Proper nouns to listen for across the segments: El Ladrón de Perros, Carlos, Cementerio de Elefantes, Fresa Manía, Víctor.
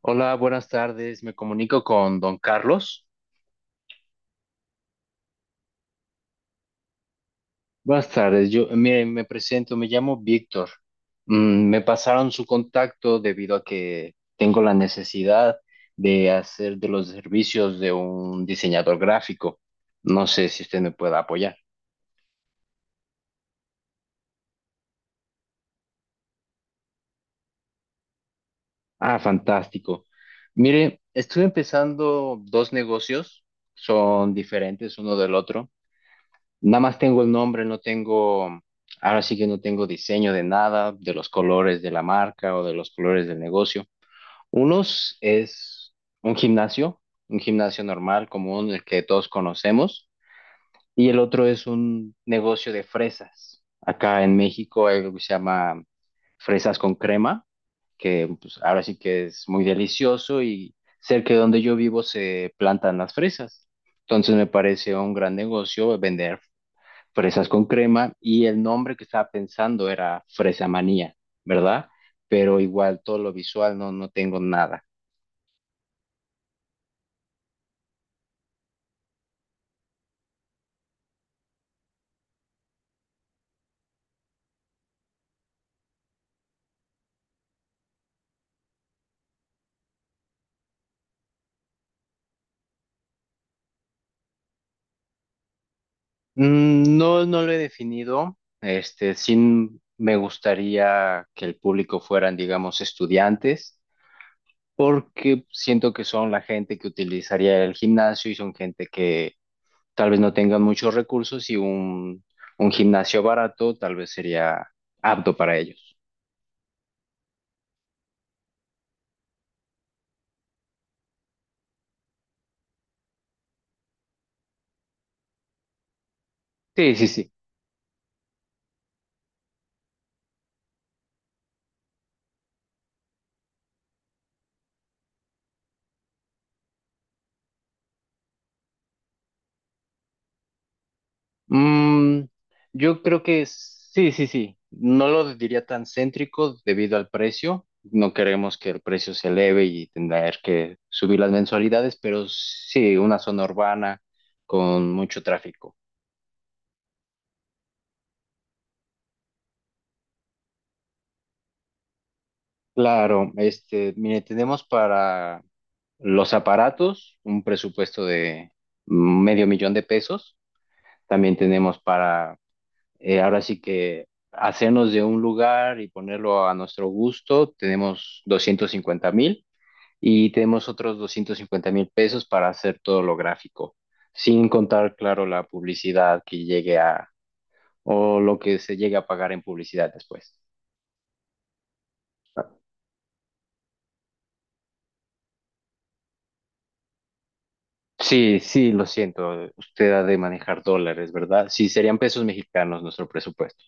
Hola, buenas tardes. Me comunico con don Carlos. Buenas tardes. Yo, mire, me presento, me llamo Víctor. Me pasaron su contacto debido a que tengo la necesidad de hacer de los servicios de un diseñador gráfico. No sé si usted me pueda apoyar. Ah, fantástico. Mire, estoy empezando dos negocios, son diferentes uno del otro. Nada más tengo el nombre, no tengo, ahora sí que no tengo diseño de nada, de los colores de la marca o de los colores del negocio. Unos es un gimnasio, un gimnasio normal, común, el que todos conocemos, y el otro es un negocio de fresas. Acá en México hay algo que se llama fresas con crema, que pues, ahora sí que es muy delicioso y cerca de donde yo vivo se plantan las fresas. Entonces me parece un gran negocio vender fresas con crema y el nombre que estaba pensando era Fresa Manía, ¿verdad? Pero igual todo lo visual no, no tengo nada. No, no lo he definido. Este, sí me gustaría que el público fueran, digamos, estudiantes, porque siento que son la gente que utilizaría el gimnasio y son gente que tal vez no tengan muchos recursos y un gimnasio barato tal vez sería apto para ellos. Sí, sí, sí. Mm, yo creo que sí, sí, sí. No lo diría tan céntrico debido al precio. No queremos que el precio se eleve y tener que subir las mensualidades, pero sí, una zona urbana con mucho tráfico. Claro, este, mire, tenemos para los aparatos un presupuesto de 500.000 de pesos. También tenemos para ahora sí que hacernos de un lugar y ponerlo a nuestro gusto, tenemos 250.000 y tenemos otros 250.000 pesos para hacer todo lo gráfico, sin contar, claro, la publicidad que llegue a, o lo que se llegue a pagar en publicidad después. Sí, sí, lo siento, usted ha de manejar dólares, ¿verdad? Sí, serían pesos mexicanos nuestro presupuesto.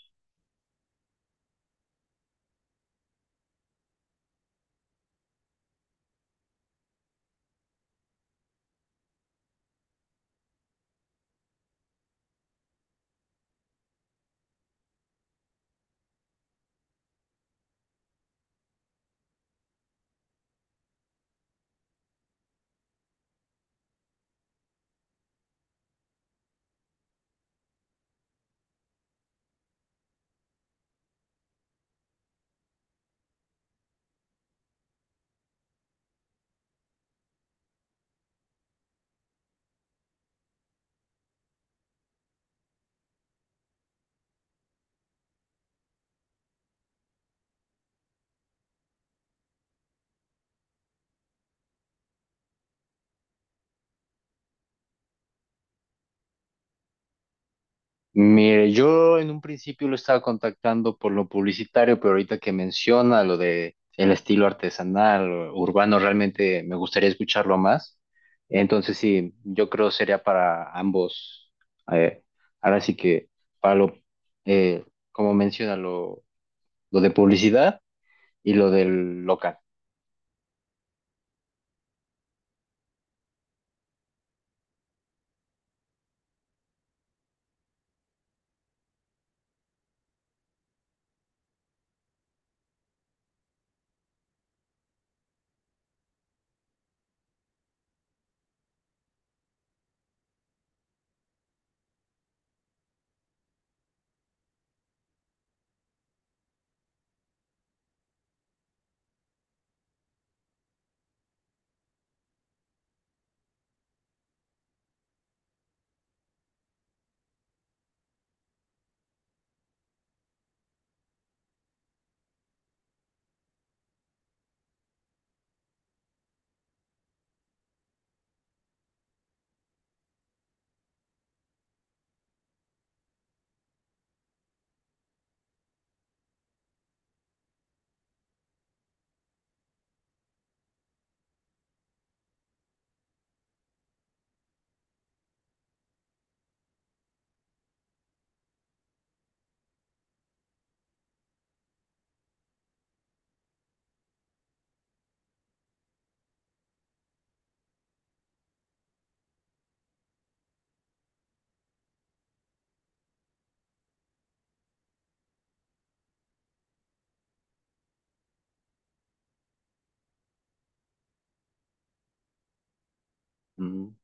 Mire, yo en un principio lo estaba contactando por lo publicitario, pero ahorita que menciona lo de el estilo artesanal, urbano, realmente me gustaría escucharlo más. Entonces sí, yo creo sería para ambos. Eh, ahora sí que para lo, eh, Como menciona, lo de publicidad y lo del local. Mm,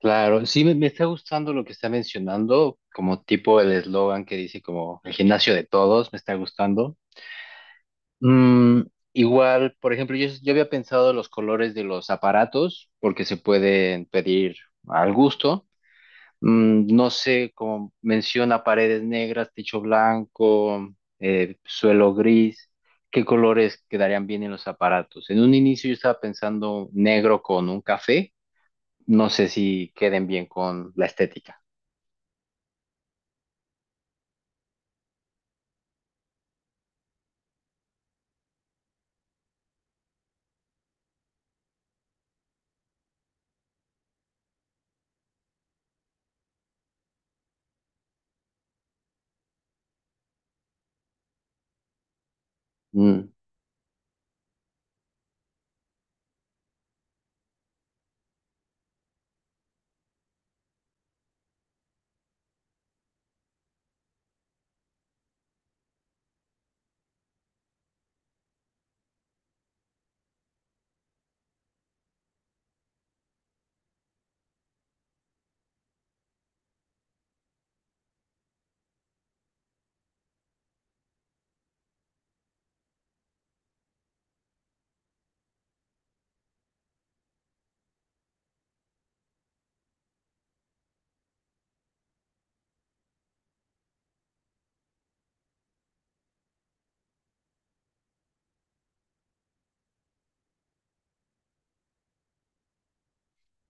claro, sí me está gustando lo que está mencionando, como tipo el eslogan que dice como el gimnasio de todos, me está gustando. Mm, Igual, por ejemplo, yo había pensado los colores de los aparatos, porque se pueden pedir al gusto. No sé, como menciona paredes negras, techo blanco, suelo gris, ¿qué colores quedarían bien en los aparatos? En un inicio yo estaba pensando negro con un café, no sé si queden bien con la estética. Mm,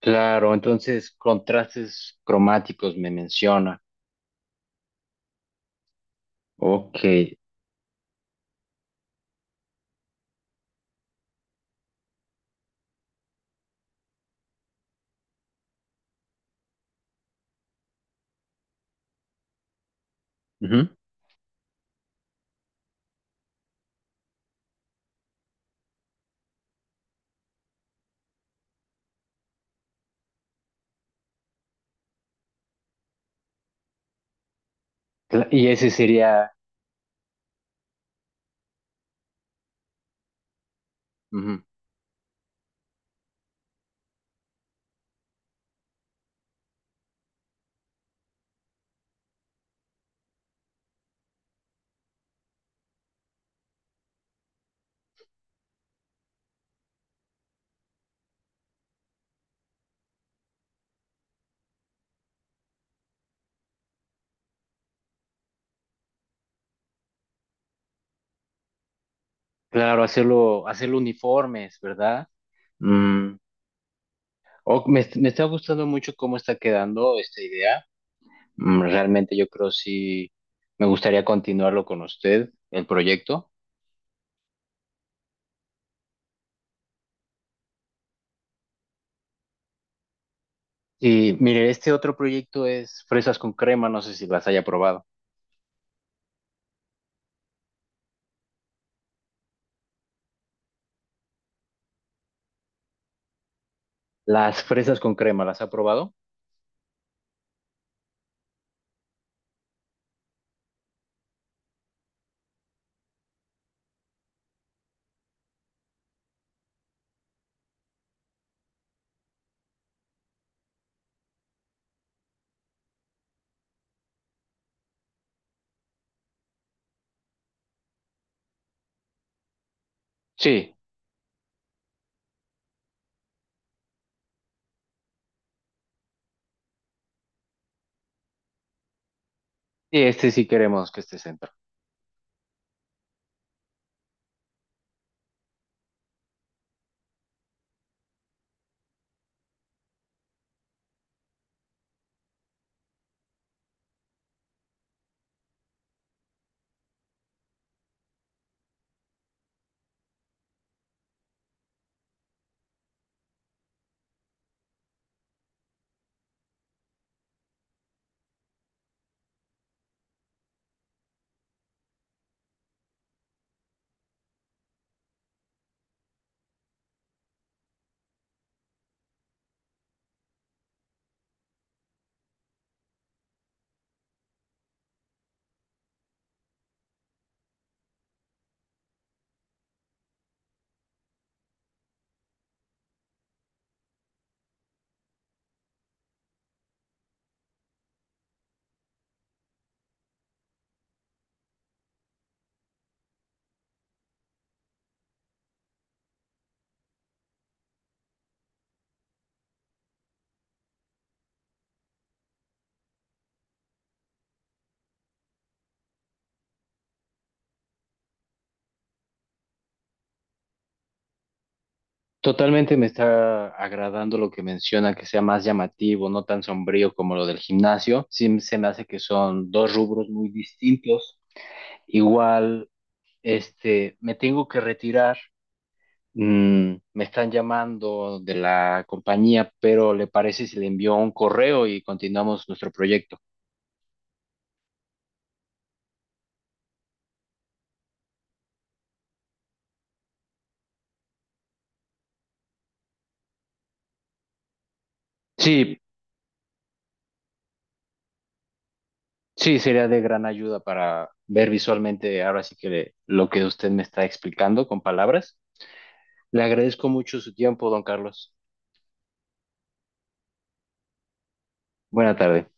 claro, entonces contrastes cromáticos me menciona. Ok. Ujú. Y ese sería, ujú, claro, hacerlo uniformes, ¿verdad? Mm, Me está gustando mucho cómo está quedando esta idea. Realmente yo creo sí me gustaría continuarlo con usted, el proyecto. Y mire, este otro proyecto es fresas con crema, no sé si las haya probado. Las fresas con crema, ¿las ha probado? Sí, y este sí queremos que esté sentado. Totalmente me está agradando lo que menciona, que sea más llamativo, no tan sombrío como lo del gimnasio. Sí, se me hace que son dos rubros muy distintos. Igual, me tengo que retirar. Me están llamando de la compañía, pero ¿le parece si le envío un correo y continuamos nuestro proyecto? Sí, sí, sería de gran ayuda para ver visualmente ahora sí que lo que usted me está explicando con palabras. Le agradezco mucho su tiempo, don Carlos. Buena tarde.